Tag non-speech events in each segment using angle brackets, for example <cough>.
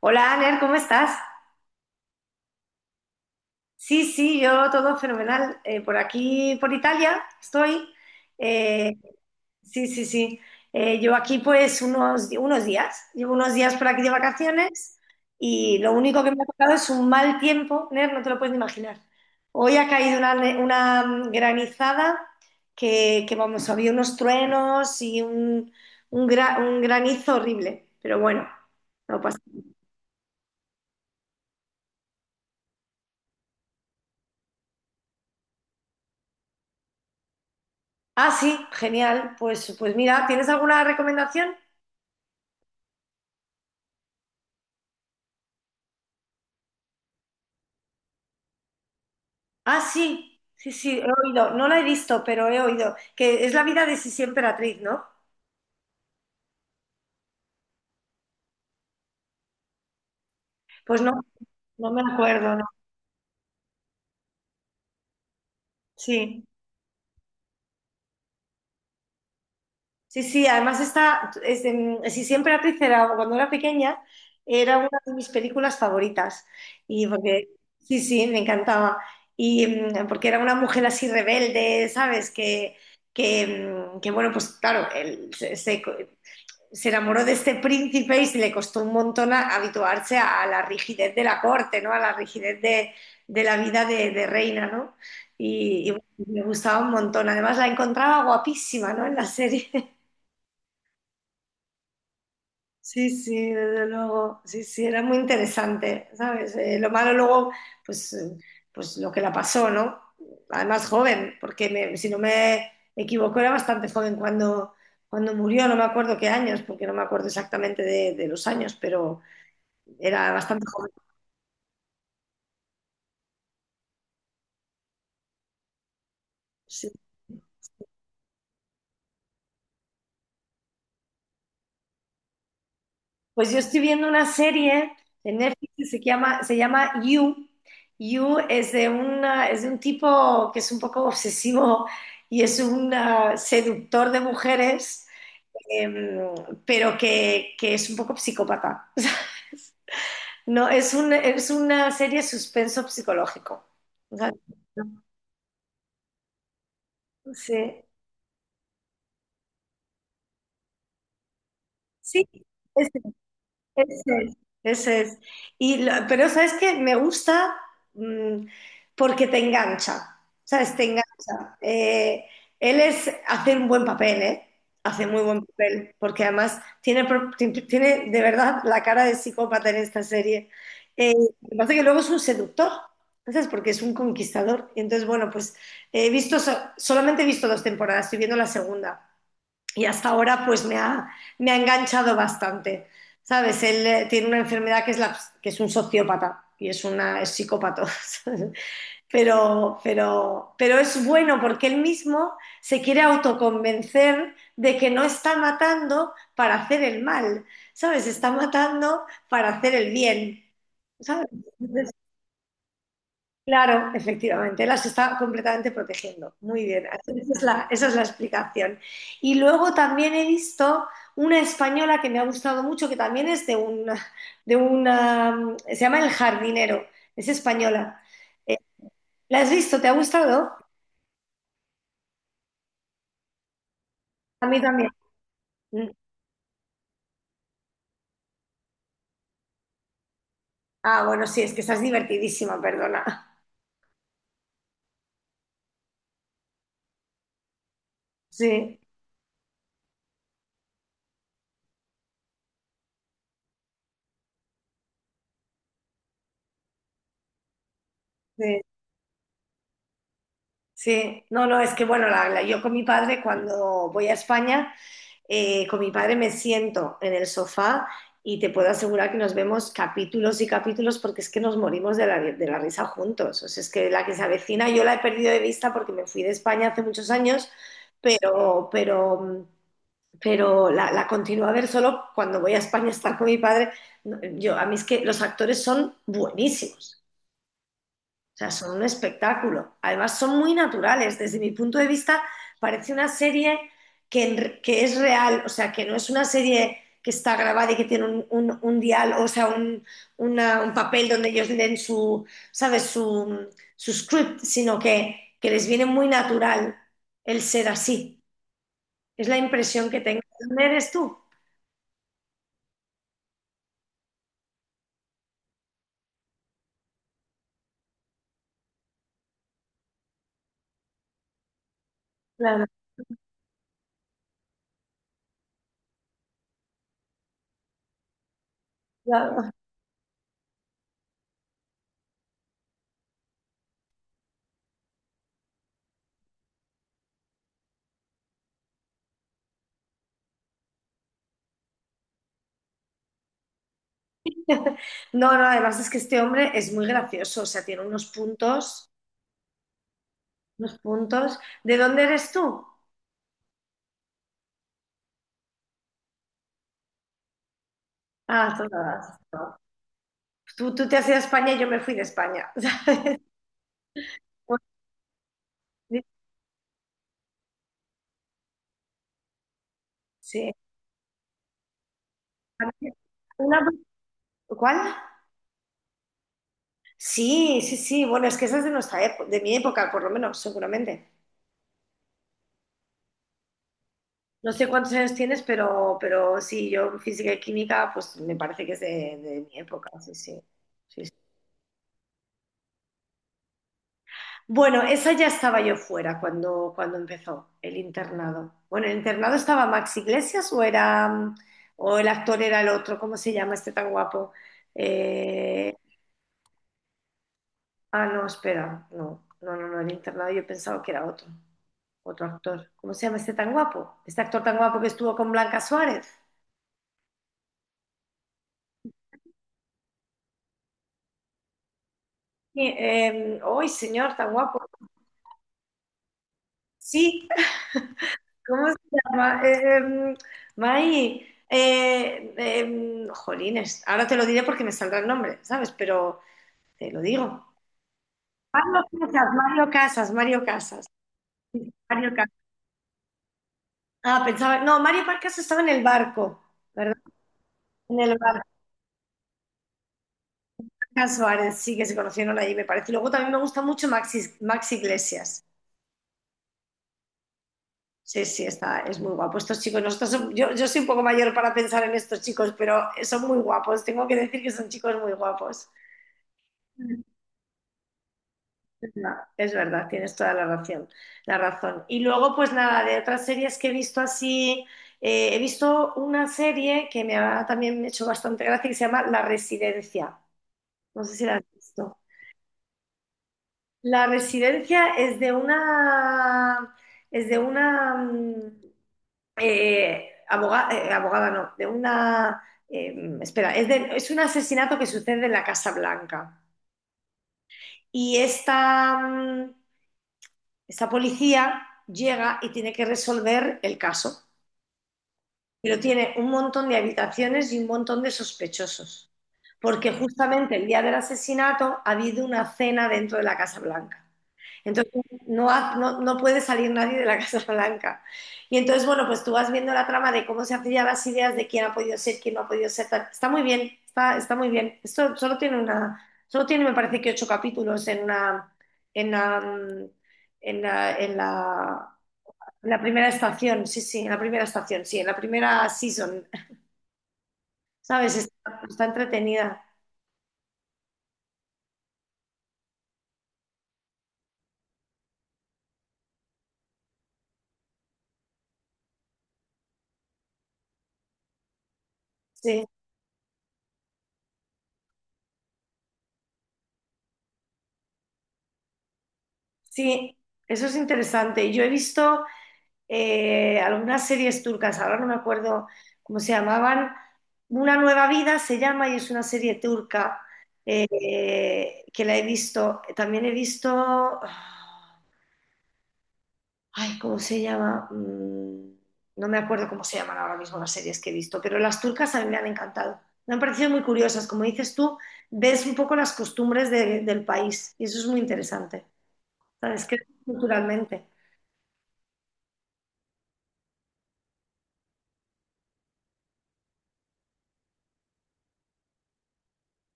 Hola, Aner, ¿cómo estás? Sí, sí, yo todo fenomenal. Por aquí, por Italia, estoy. Eh, sí, sí, sí. Yo aquí pues llevo unos días por aquí de vacaciones y lo único que me ha tocado es un mal tiempo, Ner, no te lo puedes ni imaginar. Hoy ha caído una granizada que, vamos, había unos truenos y un granizo horrible, pero bueno, no pasa. Ah, sí, genial. Pues mira, ¿tienes alguna recomendación? Ah, sí, sí, sí, he oído. No la he visto, pero he oído. Que es la vida de Sisi Emperatriz, ¿no? Pues no, no me acuerdo, no. Sí, sí, sí. Además Sisi Emperatriz era, cuando era pequeña, era una de mis películas favoritas. Y porque, sí, sí, me encantaba. Porque era una mujer así rebelde, ¿sabes? Que, que bueno, pues claro, él se enamoró de este príncipe y le costó un montón habituarse a la rigidez de la corte, ¿no? A la rigidez de la vida de reina, ¿no? Y me gustaba un montón. Además, la encontraba guapísima, ¿no? En la serie. <laughs> Sí, sí, desde luego. Sí, sí, era muy interesante, ¿sabes? Lo malo luego, pues, eh, pues lo que la pasó, ¿no? Además, joven, porque si no me equivoco, era bastante joven cuando murió, no me acuerdo qué años, porque no me acuerdo exactamente de los años, pero era bastante joven. Sí. Pues yo estoy viendo una serie en Netflix que se llama You. You es de un tipo que es un poco obsesivo y es un seductor de mujeres, em, pero que es un poco psicópata. <laughs> No, es una serie suspenso psicológico. O sea, sí, sí, es- Ese es, ese es. Pero sabes que me gusta, mm, porque te engancha, ¿sabes? Te engancha. Hace un buen papel, ¿eh? Hace muy buen papel, porque además tiene de verdad la cara de psicópata en esta serie. Eh, lo que pasa es que luego es un seductor, ¿sabes? Porque es un conquistador. Y entonces, bueno, pues solamente he visto dos temporadas, estoy viendo la segunda y hasta ahora pues me ha enganchado bastante. ¿Sabes? Él tiene una enfermedad que es un sociópata y es psicópata. <laughs> ¿Sabes? Pero es bueno porque él mismo se quiere autoconvencer de que no está matando para hacer el mal, ¿sabes? Está matando para hacer el bien, ¿sabes? Claro, efectivamente, las está completamente protegiendo. Muy bien, esa es la explicación. Y luego también he visto una española que me ha gustado mucho, que también es de una, se llama El Jardinero, es española. Eh, ¿La has visto? ¿Te ha gustado? A mí también. Mm. Ah, bueno, sí, es que estás divertidísima, perdona. Sí, sí, sí. No, no, es que bueno, yo con mi padre cuando voy a España. Con mi padre me siento en el sofá y te puedo asegurar que nos vemos capítulos y capítulos porque es que nos morimos de la risa juntos. O sea, es que la que se avecina yo la he perdido de vista porque me fui de España hace muchos años, pero, pero, pero la continúo a ver solo cuando voy a España a estar con mi padre. No, a mí es que los actores son buenísimos. O sea, son un espectáculo. Además, son muy naturales. Desde mi punto de vista, parece una serie que es real, o sea, que no es una serie que está grabada y que tiene un dial, o sea, un papel donde ellos leen su, ¿sabes? Su script, sino que les viene muy natural el ser así. Es la impresión que tengo. ¿Dónde eres tú? Claro, claro. No, no, además es que este hombre es muy gracioso, o sea, tiene unos puntos, unos puntos. ¿De dónde eres tú? Ah, todas. No. Tú te has ido a España y yo me fui de España, <laughs> ¿sabes? Pues, sí. Una- ¿Cuál? Sí, sí, sí. Bueno, es que esa es de nuestra época, de mi época, por lo menos, seguramente. No sé cuántos años tienes, pero sí, yo física y química, pues me parece que es de mi época. Sí, sí. Sí, bueno, esa ya estaba yo fuera cuando empezó el internado. Bueno, el internado estaba Max Iglesias o era o el actor era el otro, ¿cómo se llama este tan guapo? Eh, no, espera, no, no, no, no, el internado yo pensaba que era otro actor. ¿Cómo se llama este tan guapo? Este actor tan guapo que estuvo con Blanca Suárez. Sí, ¡Ay, señor, tan guapo! Sí, ¿cómo se llama? Mai, jolines, ahora te lo diré porque me saldrá el nombre, ¿sabes? Pero te lo digo. Mario Casas, Mario Casas, Mario Casas. Sí, Mario Casas. Ah, pensaba, no, Mario Casas estaba en el barco, ¿verdad? En el barco Cas Suárez, sí que se conocieron ahí, me parece. Y luego también me gusta mucho Maxi, Maxi Iglesias. Sí, sí, es muy guapo. Estos chicos, nosotros, yo soy un poco mayor para pensar en estos chicos, pero son muy guapos. Tengo que decir que son chicos muy guapos. No, es verdad, tienes toda la razón, la razón. Y luego, pues nada, de otras series que he visto así, he visto una serie que me ha también hecho bastante gracia que se llama La Residencia. No sé si la has visto. La Residencia es de una abogada, no, de una, eh, espera, es un asesinato que sucede en la Casa Blanca. Y esta, mm, Esta policía llega y tiene que resolver el caso, pero tiene un montón de habitaciones y un montón de sospechosos, porque justamente el día del asesinato ha habido una cena dentro de la Casa Blanca. Entonces no puede salir nadie de la Casa Blanca. Y entonces, bueno, pues tú vas viendo la trama de cómo se hacían las ideas de quién ha podido ser, quién no ha podido ser, tal. Está muy bien, está muy bien. Esto solo tiene solo tiene, me parece que ocho capítulos en una, en la, en la, en la primera estación, sí, sí, en la primera estación, sí, en la primera season, ¿sabes? Está entretenida. Sí, sí, eso es interesante. Yo he visto algunas series turcas, ahora no me acuerdo cómo se llamaban. Una nueva vida se llama y es una serie turca que la he visto. También he visto. Ay, ¿cómo se llama? No me acuerdo cómo se llaman ahora mismo las series que he visto, pero las turcas a mí me han encantado. Me han parecido muy curiosas. Como dices tú, ves un poco las costumbres del país y eso es muy interesante. ¿Sabes? Que culturalmente.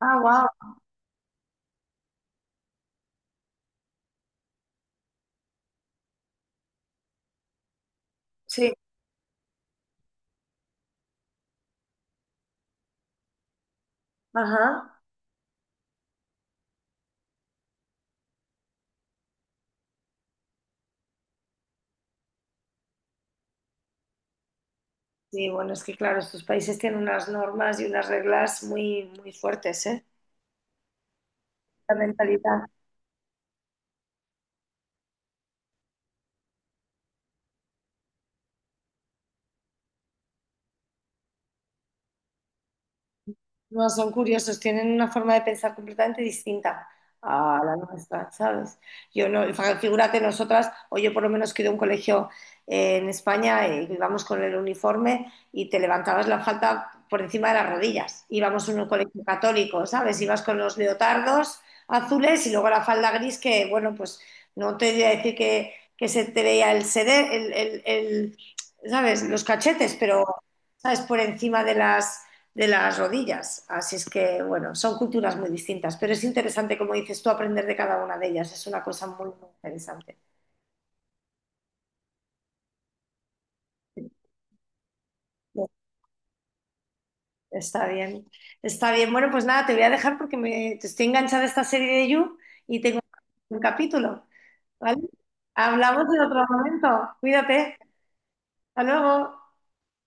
Ah, wow. Sí. Ajá. Sí, bueno, es que claro, estos países tienen unas normas y unas reglas muy, muy fuertes, ¿eh? La mentalidad. No, son curiosos, tienen una forma de pensar completamente distinta a la nuestra, ¿sabes? Yo no, figúrate nosotras, o yo por lo menos que de un colegio en España, íbamos con el uniforme y te levantabas la falda por encima de las rodillas. Íbamos en un colegio católico, ¿sabes? Ibas con los leotardos azules y luego la falda gris que, bueno, pues no te voy a decir que se te veía el sede, ¿sabes? Los cachetes, pero, ¿sabes? Por encima de las rodillas. Así es que, bueno, son culturas muy distintas, pero es interesante, como dices tú, aprender de cada una de ellas. Es una cosa muy, muy interesante. Bueno, está bien, está bien. Bueno, pues nada, te voy a dejar porque me estoy enganchada a esta serie de You y tengo un capítulo, ¿vale? Hablamos en otro momento. Cuídate. Hasta luego.